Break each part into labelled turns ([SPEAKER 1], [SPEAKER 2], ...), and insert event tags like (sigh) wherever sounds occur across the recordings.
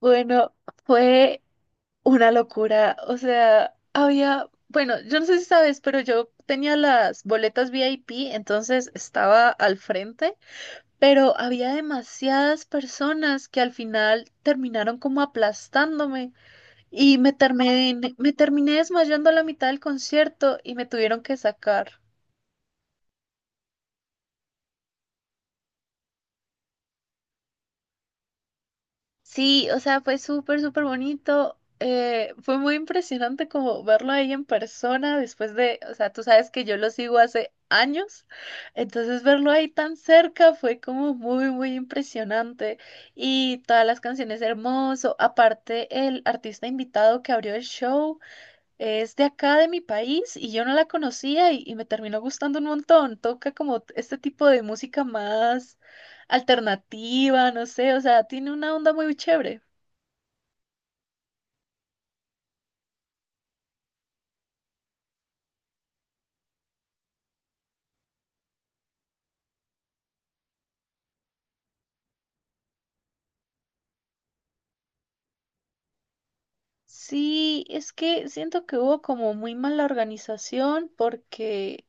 [SPEAKER 1] Bueno, fue una locura. O sea, había, bueno, yo no sé si sabes, pero yo tenía las boletas VIP, entonces estaba al frente, pero había demasiadas personas que al final terminaron como aplastándome y me terminé desmayando a la mitad del concierto y me tuvieron que sacar. Sí, o sea, fue súper bonito. Fue muy impresionante como verlo ahí en persona después de, o sea, tú sabes que yo lo sigo hace años, entonces verlo ahí tan cerca fue como muy impresionante. Y todas las canciones hermoso, aparte el artista invitado que abrió el show. Es de acá, de mi país, y yo no la conocía y me terminó gustando un montón. Toca como este tipo de música más alternativa, no sé, o sea, tiene una onda muy chévere. Sí, es que siento que hubo como muy mala organización porque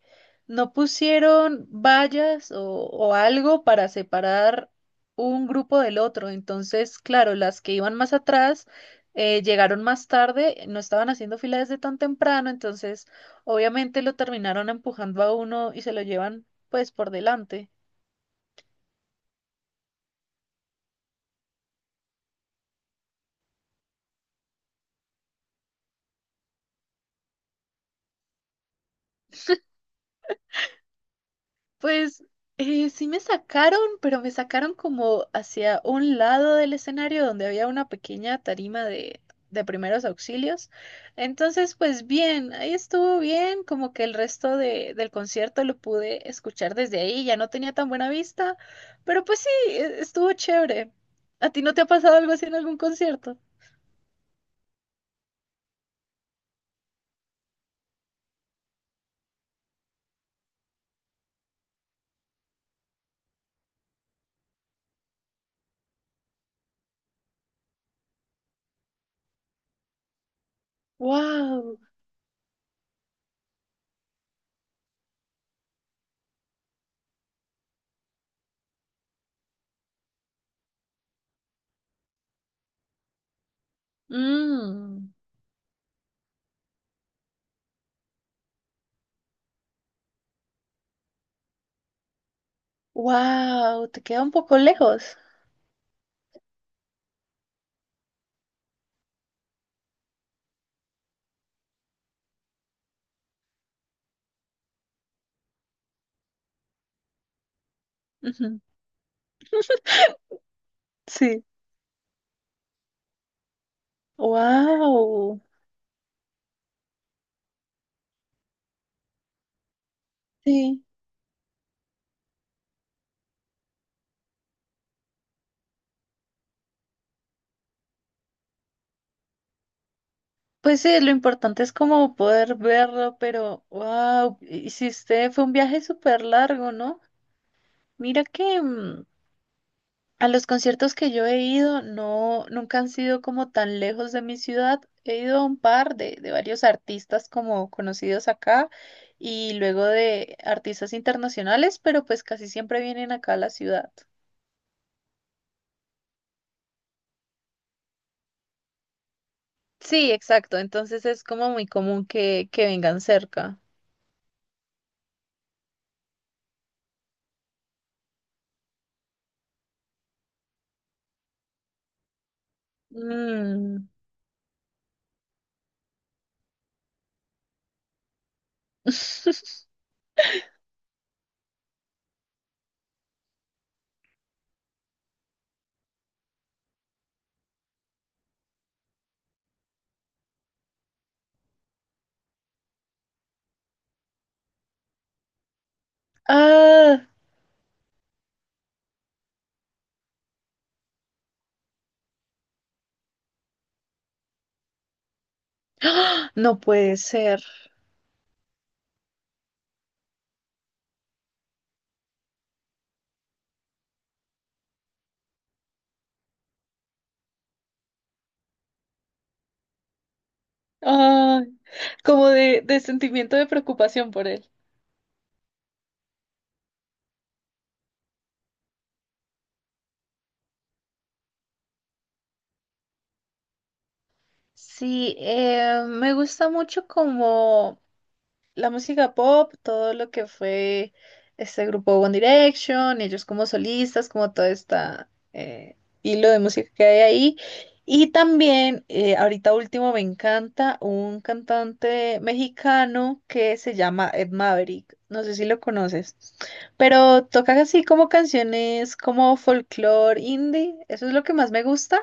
[SPEAKER 1] no pusieron vallas o algo para separar un grupo del otro. Entonces, claro, las que iban más atrás llegaron más tarde, no estaban haciendo fila desde tan temprano, entonces obviamente lo terminaron empujando a uno y se lo llevan pues por delante. Pues sí me sacaron, pero me sacaron como hacia un lado del escenario donde había una pequeña tarima de primeros auxilios. Entonces, pues bien, ahí estuvo bien, como que el resto de, del concierto lo pude escuchar desde ahí, ya no tenía tan buena vista, pero pues sí, estuvo chévere. ¿A ti no te ha pasado algo así en algún concierto? Wow. Mm. Wow, te queda un poco lejos. Ujú. Sí. Wow. Sí. Pues sí, lo importante es como poder verlo, pero wow, hiciste, fue un viaje súper largo, ¿no? Mira que a los conciertos que yo he ido, no, nunca han sido como tan lejos de mi ciudad. He ido a un par de varios artistas como conocidos acá y luego de artistas internacionales, pero pues casi siempre vienen acá a la ciudad. Sí, exacto, entonces es como muy común que vengan cerca. Mm. (laughs) Ah. No puede ser. Ah, como de sentimiento de preocupación por él. Sí, me gusta mucho como la música pop, todo lo que fue este grupo One Direction, ellos como solistas, como todo este hilo de música que hay ahí. Y también, ahorita último, me encanta un cantante mexicano que se llama Ed Maverick. No sé si lo conoces, pero toca así como canciones como folclore indie. Eso es lo que más me gusta.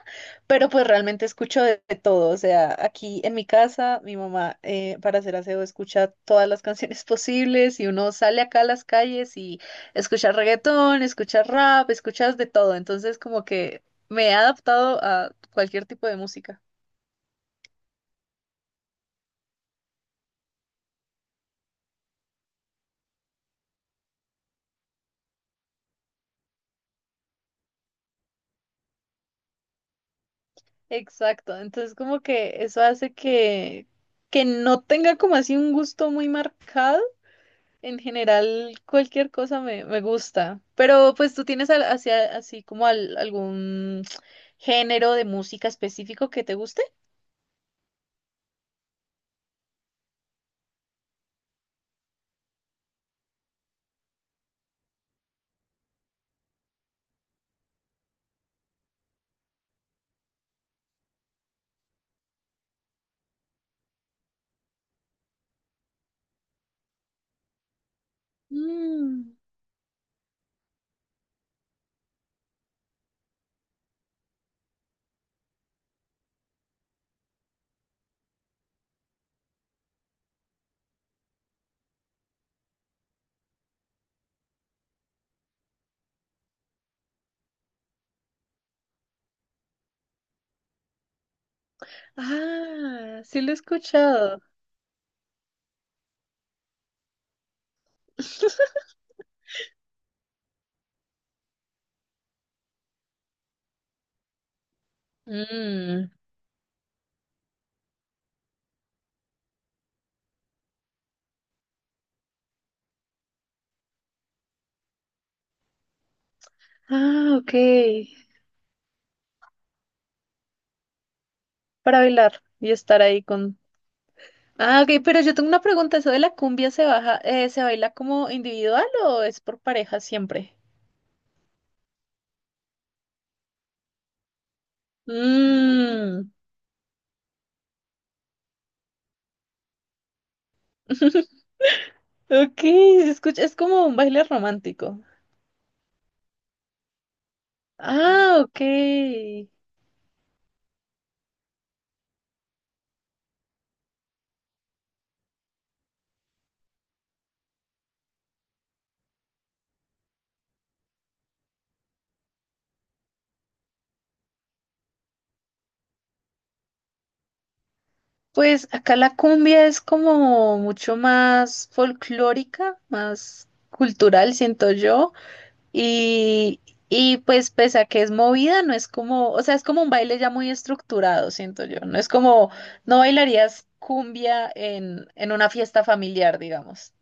[SPEAKER 1] Pero pues realmente escucho de todo, o sea, aquí en mi casa, mi mamá para hacer aseo escucha todas las (laughs) canciones posibles y uno sale acá a las calles y escucha reggaetón, escucha rap, escuchas de todo, entonces como que me he adaptado a cualquier tipo de música. Exacto, entonces como que eso hace que no tenga como así un gusto muy marcado. En general, cualquier cosa me gusta. Pero pues tú tienes hacia, así como algún género de música específico que te guste. Mm. Ah, sí lo he escuchado. (laughs) Mm. Ah, ok. Para bailar y estar ahí con... Ah, ok, pero yo tengo una pregunta. ¿Eso de la cumbia se baja, se baila como individual o es por pareja siempre? Mm. (laughs) Ok, se escucha, es como un baile romántico. Ah, ok. Pues acá la cumbia es como mucho más folclórica, más cultural, siento yo. Y, y pues pese a que es movida, no es como, o sea, es como un baile ya muy estructurado, siento yo. No es como, no bailarías cumbia en una fiesta familiar, digamos.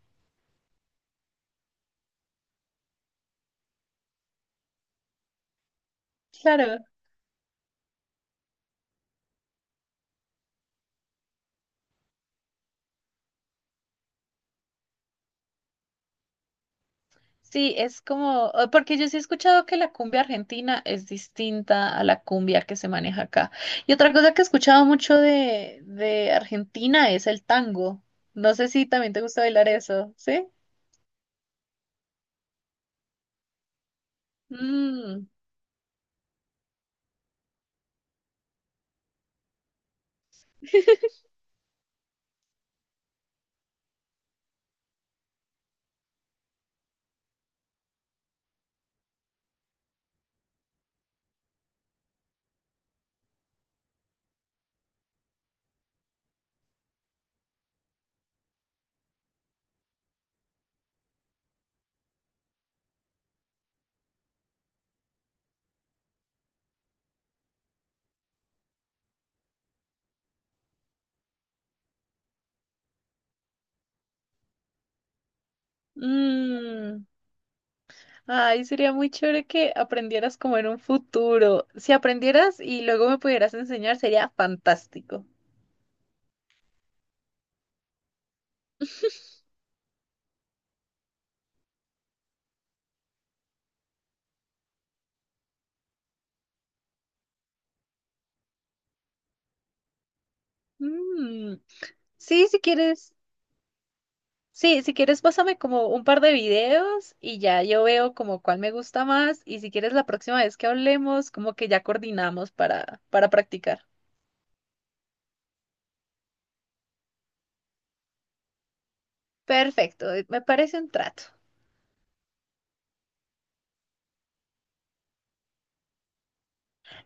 [SPEAKER 1] Claro. Sí, es como, porque yo sí he escuchado que la cumbia argentina es distinta a la cumbia que se maneja acá. Y otra cosa que he escuchado mucho de Argentina es el tango. No sé si también te gusta bailar eso, ¿sí? Mm, mm. Ay, sería muy chévere que aprendieras como en un futuro. Si aprendieras y luego me pudieras enseñar, sería fantástico. Mm. Sí, si quieres. Sí, si quieres, pásame como un par de videos y ya yo veo como cuál me gusta más. Y si quieres, la próxima vez que hablemos, como que ya coordinamos para practicar. Perfecto, me parece un trato.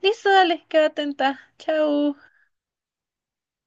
[SPEAKER 1] Listo, dale, queda atenta. Chao.